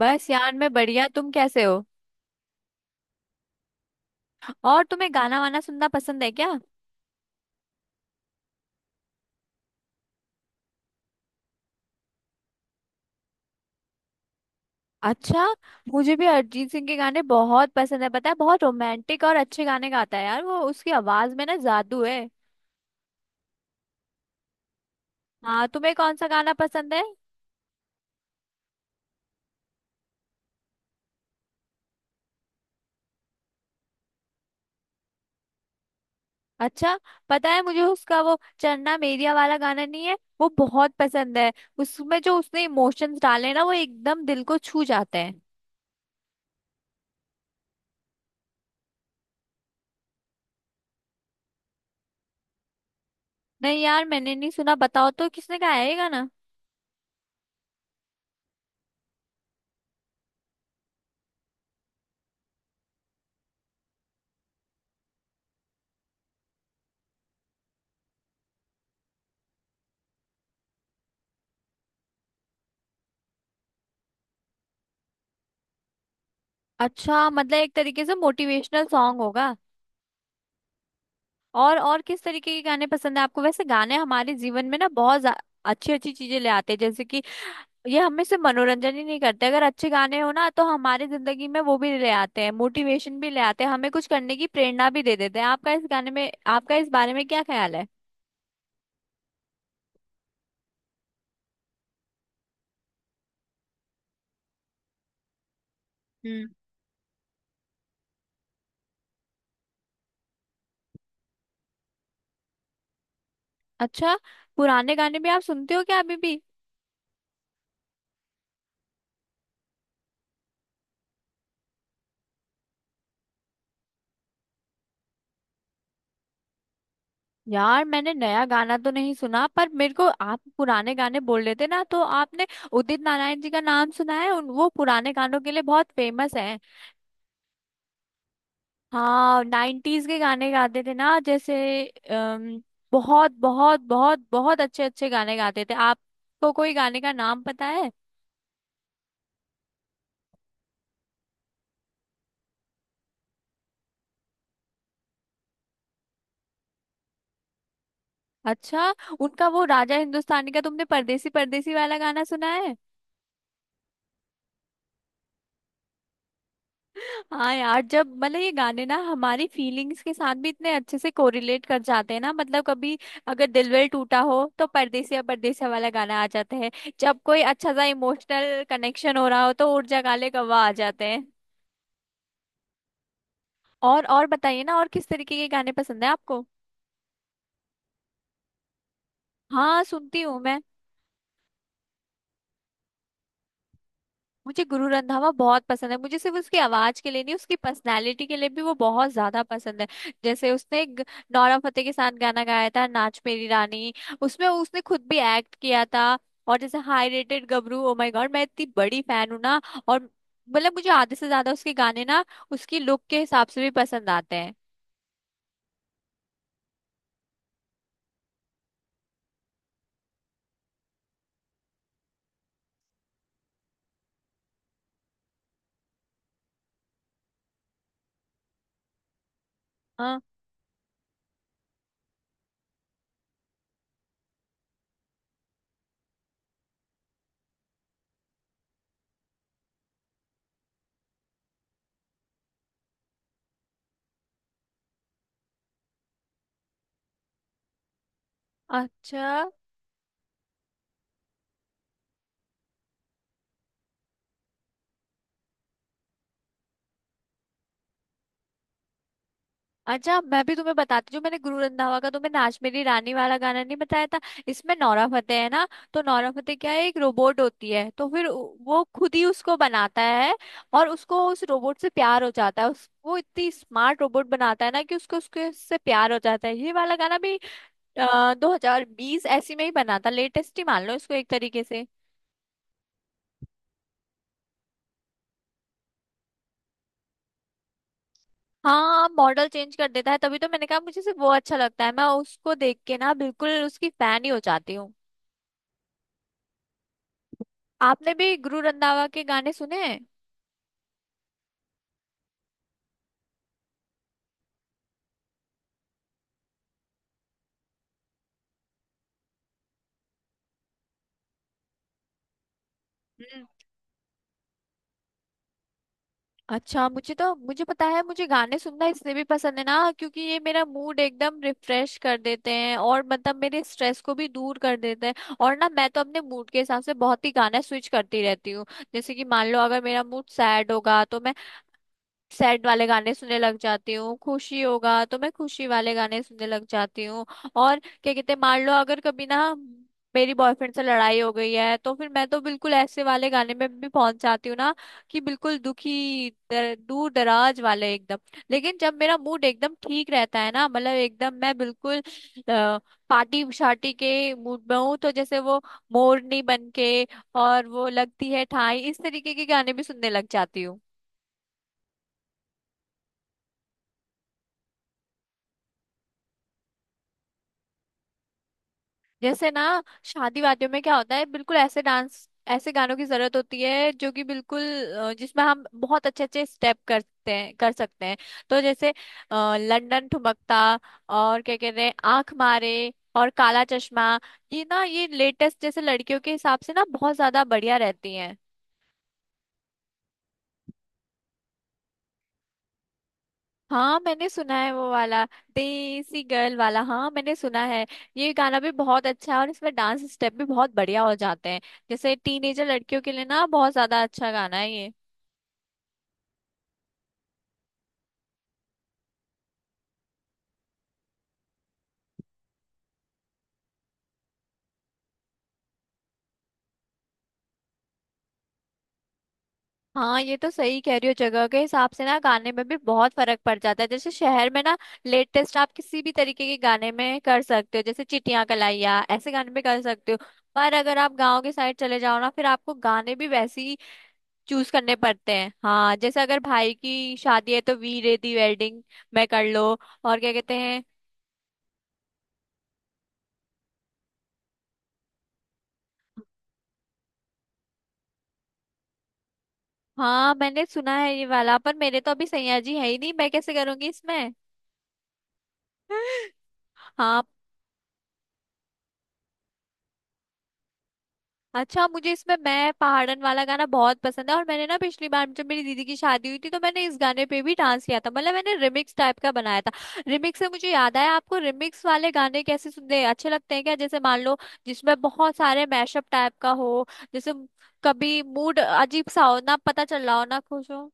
बस यार मैं बढ़िया। तुम कैसे हो? और तुम्हें गाना वाना सुनना पसंद है क्या? अच्छा, मुझे भी अरिजीत सिंह के गाने बहुत पसंद है। पता है, बहुत रोमांटिक और अच्छे गाने गाता है यार वो, उसकी आवाज में ना जादू है। हाँ, तुम्हें कौन सा गाना पसंद है? अच्छा, पता है मुझे उसका वो चन्ना मेरिया वाला गाना नहीं है वो, बहुत पसंद है। उसमें जो उसने इमोशंस डाले हैं ना, वो एकदम दिल को छू जाते हैं। नहीं यार, मैंने नहीं सुना। बताओ तो, किसने गाया है ये गाना? अच्छा, मतलब एक तरीके से मोटिवेशनल सॉन्ग होगा। और किस तरीके के गाने पसंद है आपको? वैसे गाने हमारे जीवन में ना बहुत अच्छी अच्छी चीजें ले आते हैं। जैसे कि ये हमें सिर्फ मनोरंजन ही नहीं करते, अगर अच्छे गाने हो ना तो हमारी जिंदगी में वो भी ले आते हैं, मोटिवेशन भी ले आते हैं, हमें कुछ करने की प्रेरणा भी दे देते हैं। आपका इस गाने में, आपका इस बारे में क्या ख्याल है? हम्म। अच्छा, पुराने गाने भी आप सुनते हो क्या अभी भी? यार, मैंने नया गाना तो नहीं सुना, पर मेरे को आप पुराने गाने बोल रहे थे ना, तो आपने उदित नारायण जी का नाम सुना है? उन, वो पुराने गानों के लिए बहुत फेमस है। हाँ, 90s के गाने गाते थे ना, जैसे अम, बहुत बहुत बहुत बहुत अच्छे अच्छे गाने गाते थे। आपको कोई गाने का नाम पता है? अच्छा, उनका वो राजा हिंदुस्तानी का तुमने परदेसी परदेसी वाला गाना सुना है? हाँ यार, जब मतलब ये गाने ना हमारी फीलिंग्स के साथ भी इतने अच्छे से कोरिलेट कर जाते हैं ना। मतलब कभी अगर दिल विल टूटा हो तो परदेसिया परदेसिया वाला गाना आ जाता है। जब कोई अच्छा सा इमोशनल कनेक्शन हो रहा हो तो उड़ जा काले कौवा आ जाते हैं। और बताइए ना, और किस तरीके के गाने पसंद है आपको? हाँ, सुनती हूँ मैं। मुझे गुरु रंधावा बहुत पसंद है। मुझे सिर्फ उसकी आवाज के लिए नहीं, उसकी पर्सनालिटी के लिए भी वो बहुत ज्यादा पसंद है। जैसे उसने एक नोरा फतेही के साथ गाना गाया था नाच मेरी रानी, उसमें उसने खुद भी एक्ट किया था। और जैसे high rated Gabru, oh my god, मैं इतनी बड़ी फैन हूँ ना। और मतलब मुझे आधे से ज्यादा उसके गाने ना उसकी लुक के हिसाब से भी पसंद आते हैं। हाँ। अच्छा। अच्छा मैं भी तुम्हें बताती हूँ, मैंने गुरु रंधावा का तुम्हें नाच मेरी रानी वाला गाना नहीं बताया था। इसमें नोरा फतेही है ना, तो नोरा फतेही क्या है, एक रोबोट होती है, तो फिर वो खुद ही उसको बनाता है। और उसको उस रोबोट से प्यार हो जाता है। उस, वो इतनी स्मार्ट रोबोट बनाता है ना कि उसको उसके उससे प्यार हो जाता है। ये वाला गाना भी 2020 ऐसी में ही बना था। लेटेस्ट ही मान लो इसको एक तरीके से। हाँ, मॉडल चेंज कर देता है, तभी तो मैंने कहा मुझे सिर्फ वो अच्छा लगता है। मैं उसको देख के ना बिल्कुल उसकी फैन ही हो जाती हूँ। आपने भी गुरु रंधावा के गाने सुने हैं? हम्म। अच्छा, मुझे तो, मुझे पता है, मुझे गाने सुनना इसलिए भी पसंद है ना क्योंकि ये मेरा मूड एकदम रिफ्रेश कर देते हैं, और मतलब मेरे स्ट्रेस को भी दूर कर देते हैं। और ना मैं तो अपने मूड के हिसाब से बहुत ही गाना स्विच करती रहती हूँ। जैसे कि मान लो अगर मेरा मूड सैड होगा तो मैं सैड वाले गाने सुनने लग जाती हूँ, खुशी होगा तो मैं खुशी वाले गाने सुनने लग जाती हूँ। और क्या कहते हैं, मान लो अगर कभी ना मेरी बॉयफ्रेंड से लड़ाई हो गई है तो फिर मैं तो बिल्कुल ऐसे वाले गाने में भी पहुंच जाती हूँ ना, कि बिल्कुल दुखी दर, दूर दराज वाले एकदम। लेकिन जब मेरा मूड एकदम ठीक रहता है ना, मतलब एकदम मैं बिल्कुल अ, पार्टी शार्टी के मूड में हूँ, तो जैसे वो मोरनी बन के, और वो लगती है ठाई, इस तरीके के गाने भी सुनने लग जाती हूँ। जैसे ना शादी वादियों में क्या होता है, बिल्कुल ऐसे डांस, ऐसे गानों की जरूरत होती है जो कि बिल्कुल जिसमें हम बहुत अच्छे अच्छे स्टेप करते हैं, कर सकते हैं। तो जैसे लंदन ठुमकता, और क्या कहते हैं, आंख मारे, और काला चश्मा, ये ना ये लेटेस्ट जैसे लड़कियों के हिसाब से ना बहुत ज्यादा बढ़िया रहती हैं। हाँ मैंने सुना है वो वाला, देसी गर्ल वाला, हाँ मैंने सुना है। ये गाना भी बहुत अच्छा है और इसमें डांस स्टेप भी बहुत बढ़िया हो जाते हैं। जैसे टीनेजर लड़कियों के लिए ना बहुत ज्यादा अच्छा गाना है ये। हाँ, ये तो सही कह रही हो, जगह के हिसाब से ना गाने में भी बहुत फर्क पड़ जाता है। जैसे शहर में ना लेटेस्ट आप किसी भी तरीके के गाने में कर सकते हो, जैसे चिट्टियां कलाइया, ऐसे गाने में कर सकते हो। पर अगर आप गाँव के साइड चले जाओ ना, फिर आपको गाने भी वैसे ही चूज करने पड़ते हैं। हाँ जैसे अगर भाई की शादी है तो वी रेडी वेडिंग में कर लो, और क्या कहते हैं। हाँ मैंने सुना है ये वाला, पर मेरे तो अभी सैया जी है ही नहीं, मैं कैसे करूंगी इसमें? हाँ। अच्छा, मुझे इसमें, मैं पहाड़न वाला गाना बहुत पसंद है, और मैंने ना पिछली बार जब मेरी दीदी की शादी हुई थी तो मैंने इस गाने पे भी डांस किया था। मतलब मैंने रिमिक्स टाइप का बनाया था। रिमिक्स से मुझे याद आया, आपको रिमिक्स वाले गाने कैसे सुनते अच्छे लगते हैं क्या? जैसे मान लो जिसमें बहुत सारे मैशअप टाइप का हो, जैसे कभी मूड अजीब सा हो ना, पता चल रहा हो ना खुश हो।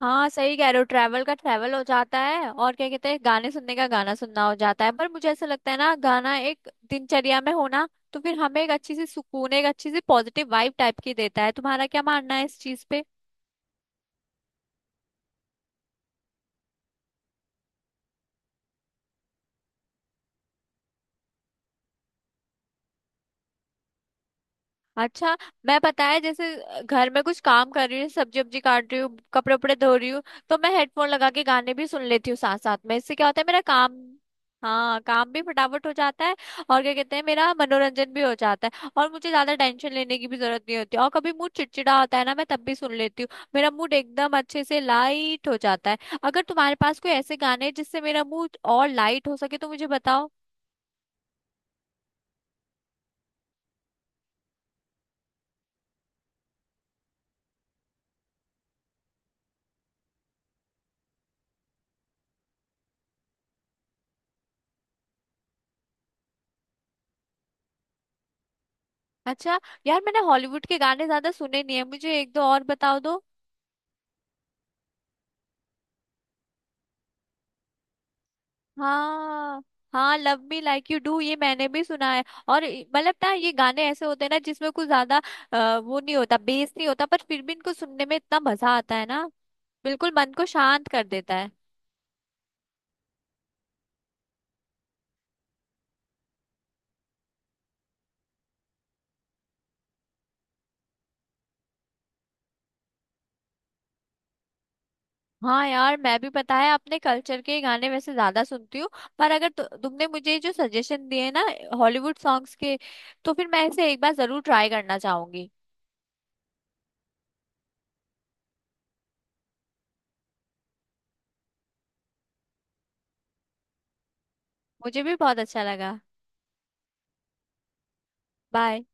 हाँ सही कह रहे हो, ट्रैवल का ट्रैवल हो जाता है, और क्या कहते हैं, गाने सुनने का गाना सुनना हो जाता है। पर मुझे ऐसा लगता है ना गाना एक दिनचर्या में होना, तो फिर हमें एक अच्छी सी सुकून, एक अच्छी सी पॉजिटिव वाइब टाइप की देता है। तुम्हारा क्या मानना है इस चीज पे? अच्छा। मैं, पता है, जैसे घर में कुछ काम कर रही हूँ, सब्जी वब्जी काट रही हूँ, कपड़े उपड़े धो रही हूँ, तो मैं हेडफोन लगा के गाने भी सुन लेती हूँ साथ साथ में। इससे क्या होता है मेरा काम, हाँ, काम भी फटाफट हो जाता है, और क्या कहते हैं, मेरा मनोरंजन भी हो जाता है, और मुझे ज्यादा टेंशन लेने की भी जरूरत नहीं होती। और कभी मूड चिड़चिड़ा होता है ना, मैं तब भी सुन लेती हूँ, मेरा मूड एकदम अच्छे से लाइट हो जाता है। अगर तुम्हारे पास कोई ऐसे गाने हैं जिससे मेरा मूड और लाइट हो सके तो मुझे बताओ। अच्छा, यार मैंने हॉलीवुड के गाने ज्यादा सुने नहीं है, मुझे एक दो और बताओ दो। हाँ, हाँ love me like you do ये मैंने भी सुना है। और मतलब ना ये गाने ऐसे होते हैं ना जिसमें कुछ ज्यादा वो नहीं होता, बेस नहीं होता, पर फिर भी इनको सुनने में इतना मजा आता है ना, बिल्कुल मन को शांत कर देता है। हाँ यार, मैं भी पता है अपने कल्चर के गाने वैसे ज्यादा सुनती हूँ, पर अगर तुमने मुझे जो सजेशन दिए ना हॉलीवुड सॉन्ग्स के, तो फिर मैं इसे एक बार जरूर ट्राई करना चाहूंगी। मुझे भी बहुत अच्छा लगा। बाय।